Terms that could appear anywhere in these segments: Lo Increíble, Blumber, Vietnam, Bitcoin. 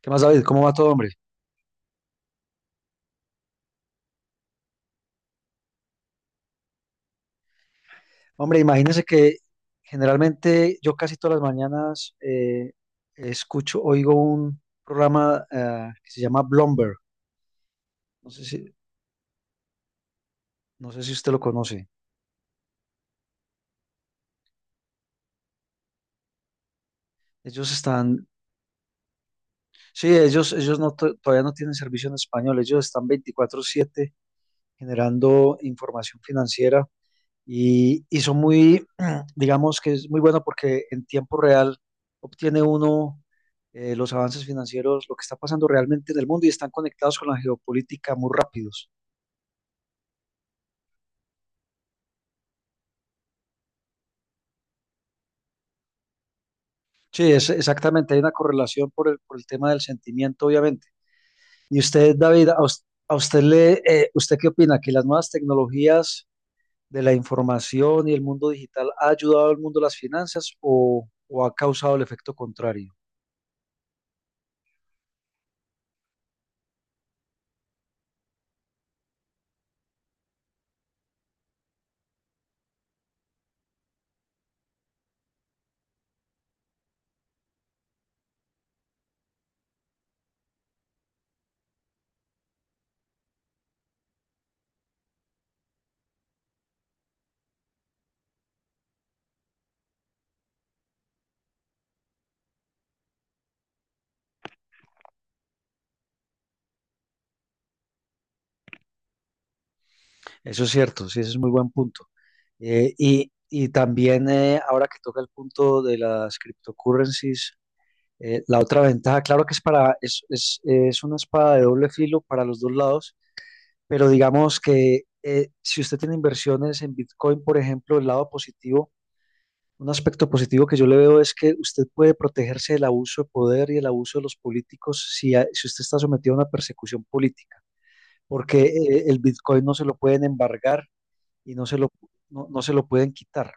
¿Qué más, David? ¿Cómo va todo, hombre? Hombre, imagínese que generalmente yo casi todas las mañanas escucho, oigo un programa que se llama Blumber. No sé si, no sé si usted lo conoce. Ellos están, sí, ellos no, todavía no tienen servicio en español. Ellos están 24/7 generando información financiera y son muy, digamos que es muy bueno porque en tiempo real obtiene uno los avances financieros, lo que está pasando realmente en el mundo y están conectados con la geopolítica muy rápidos. Sí, es, exactamente, hay una correlación por el tema del sentimiento, obviamente. Y usted, David, a usted le, ¿usted qué opina? ¿Que las nuevas tecnologías de la información y el mundo digital ha ayudado al mundo de las finanzas o ha causado el efecto contrario? Eso es cierto, sí, ese es muy buen punto. Y también ahora que toca el punto de las cryptocurrencies, la otra ventaja, claro que es para, es, es una espada de doble filo para los dos lados, pero digamos que si usted tiene inversiones en Bitcoin, por ejemplo, el lado positivo, un aspecto positivo que yo le veo es que usted puede protegerse del abuso de poder y el abuso de los políticos si usted está sometido a una persecución política, porque el Bitcoin no se lo pueden embargar y no se lo pueden quitar.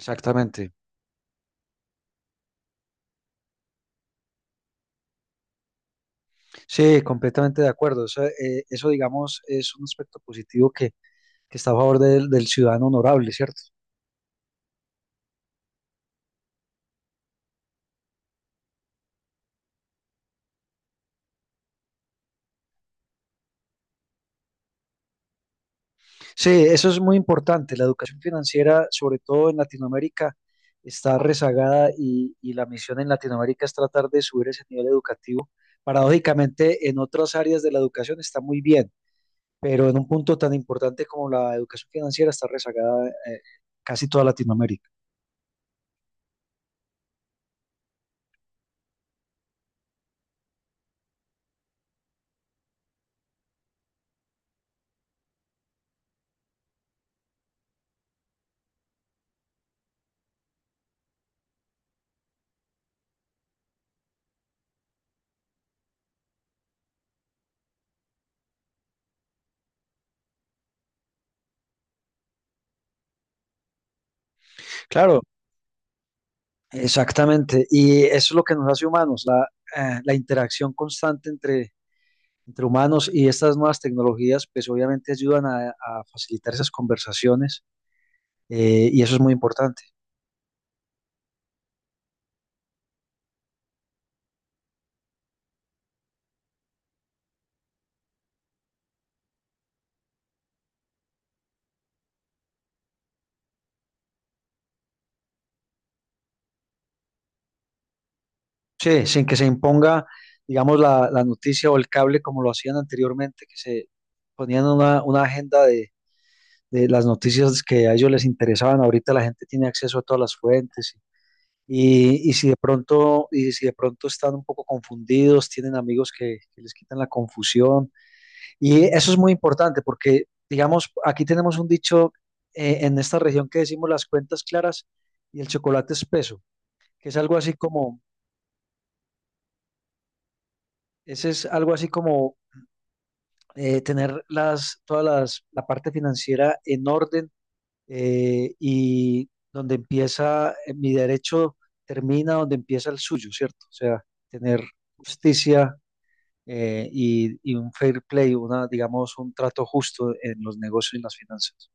Exactamente. Sí, completamente de acuerdo. Eso, digamos, es un aspecto positivo que está a favor del ciudadano honorable, ¿cierto? Sí, eso es muy importante. La educación financiera, sobre todo en Latinoamérica, está rezagada y la misión en Latinoamérica es tratar de subir ese nivel educativo. Paradójicamente, en otras áreas de la educación está muy bien, pero en un punto tan importante como la educación financiera está rezagada, casi toda Latinoamérica. Claro, exactamente, y eso es lo que nos hace humanos, la interacción constante entre humanos y estas nuevas tecnologías, pues obviamente ayudan a facilitar esas conversaciones y eso es muy importante. Sí, sin que se imponga, digamos, la noticia o el cable como lo hacían anteriormente, que se ponían una agenda de las noticias que a ellos les interesaban. Ahorita la gente tiene acceso a todas las fuentes. Y si de pronto están un poco confundidos, tienen amigos que les quitan la confusión. Y eso es muy importante porque, digamos, aquí tenemos un dicho en esta región que decimos las cuentas claras y el chocolate espeso, que es algo así como, ese es algo así como tener la parte financiera en orden y donde empieza mi derecho termina donde empieza el suyo, ¿cierto? O sea, tener justicia y un fair play, una, digamos, un trato justo en los negocios y las finanzas.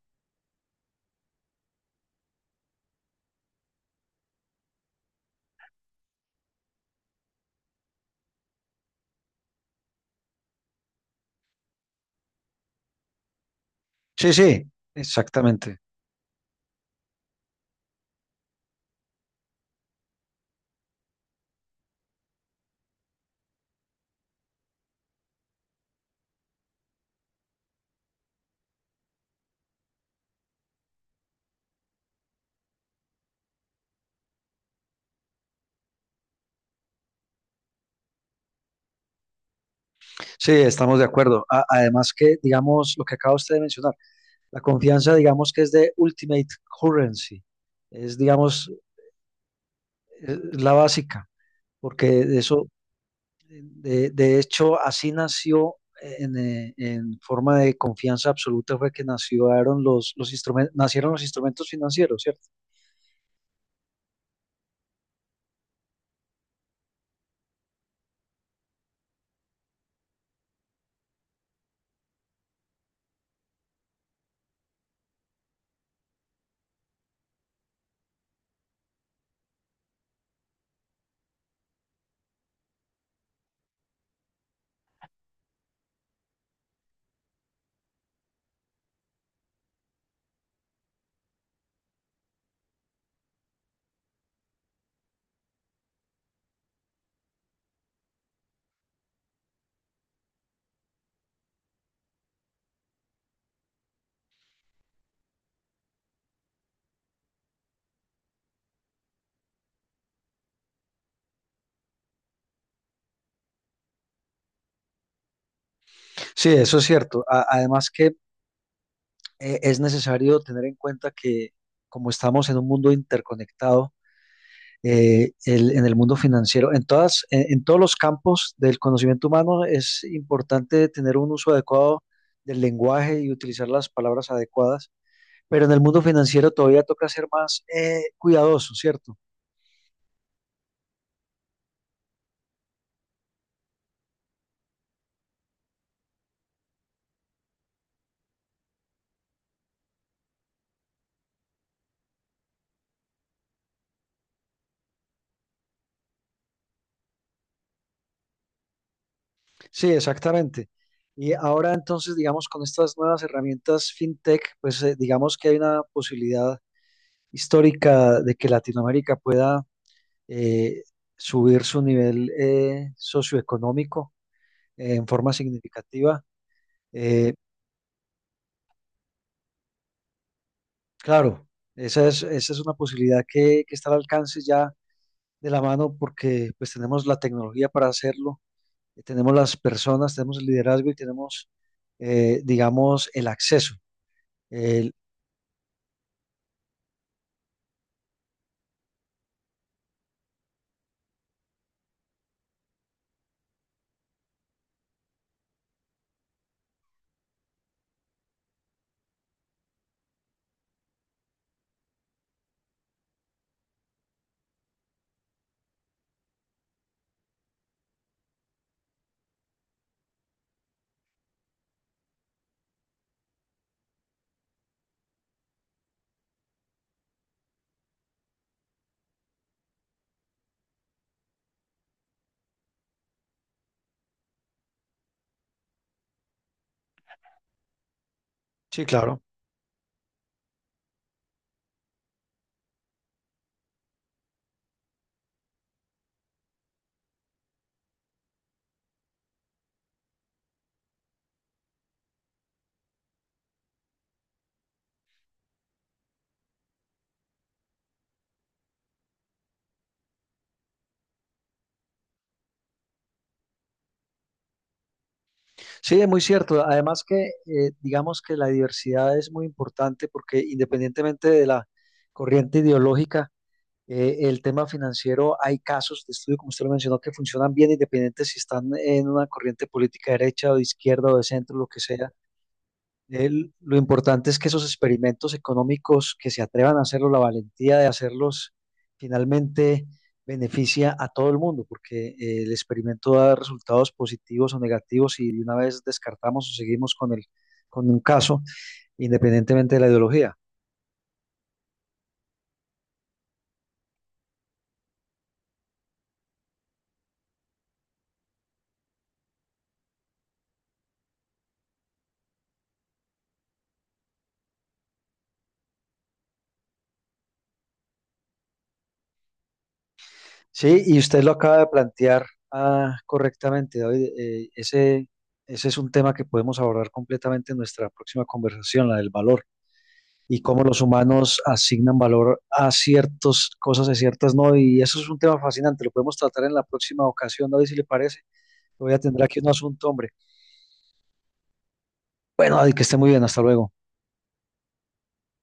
Sí, sí, exactamente. Sí, estamos de acuerdo. Además que, digamos, lo que acaba usted de mencionar, la confianza, digamos, que es de ultimate currency, es, digamos, la básica, porque de eso, de hecho, así nació. En forma de confianza absoluta fue que nacieron los instrumentos, nacieron los instrumentos financieros, ¿cierto? Sí, eso es cierto. Además que es necesario tener en cuenta que como estamos en un mundo interconectado, en el mundo financiero, en todos los campos del conocimiento humano es importante tener un uso adecuado del lenguaje y utilizar las palabras adecuadas, pero en el mundo financiero todavía toca ser más cuidadoso, ¿cierto? Sí, exactamente. Y ahora entonces, digamos, con estas nuevas herramientas fintech, pues digamos que hay una posibilidad histórica de que Latinoamérica pueda eh, subir su nivel socioeconómico en forma significativa. Eh, claro, esa es una posibilidad que está al alcance ya de la mano porque pues tenemos la tecnología para hacerlo, tenemos las personas, tenemos el liderazgo y tenemos, digamos, el acceso. El- sí, claro. Sí, es muy cierto. Además que digamos que la diversidad es muy importante porque independientemente de la corriente ideológica, el tema financiero, hay casos de estudio, como usted lo mencionó, que funcionan bien independientes si están en una corriente política derecha o de izquierda o de centro, lo que sea. Lo importante es que esos experimentos económicos que se atrevan a hacerlo, la valentía de hacerlos, finalmente beneficia a todo el mundo, porque el experimento da resultados positivos o negativos y de una vez descartamos o seguimos con un caso, independientemente de la ideología. Sí, y usted lo acaba de plantear ah, correctamente, David. Ese es un tema que podemos abordar completamente en nuestra próxima conversación, la del valor y cómo los humanos asignan valor a ciertas cosas, a ciertas no. Y eso es un tema fascinante, lo podemos tratar en la próxima ocasión, David, si le parece. Voy a tener aquí un asunto, hombre. Bueno, David, que esté muy bien, hasta luego.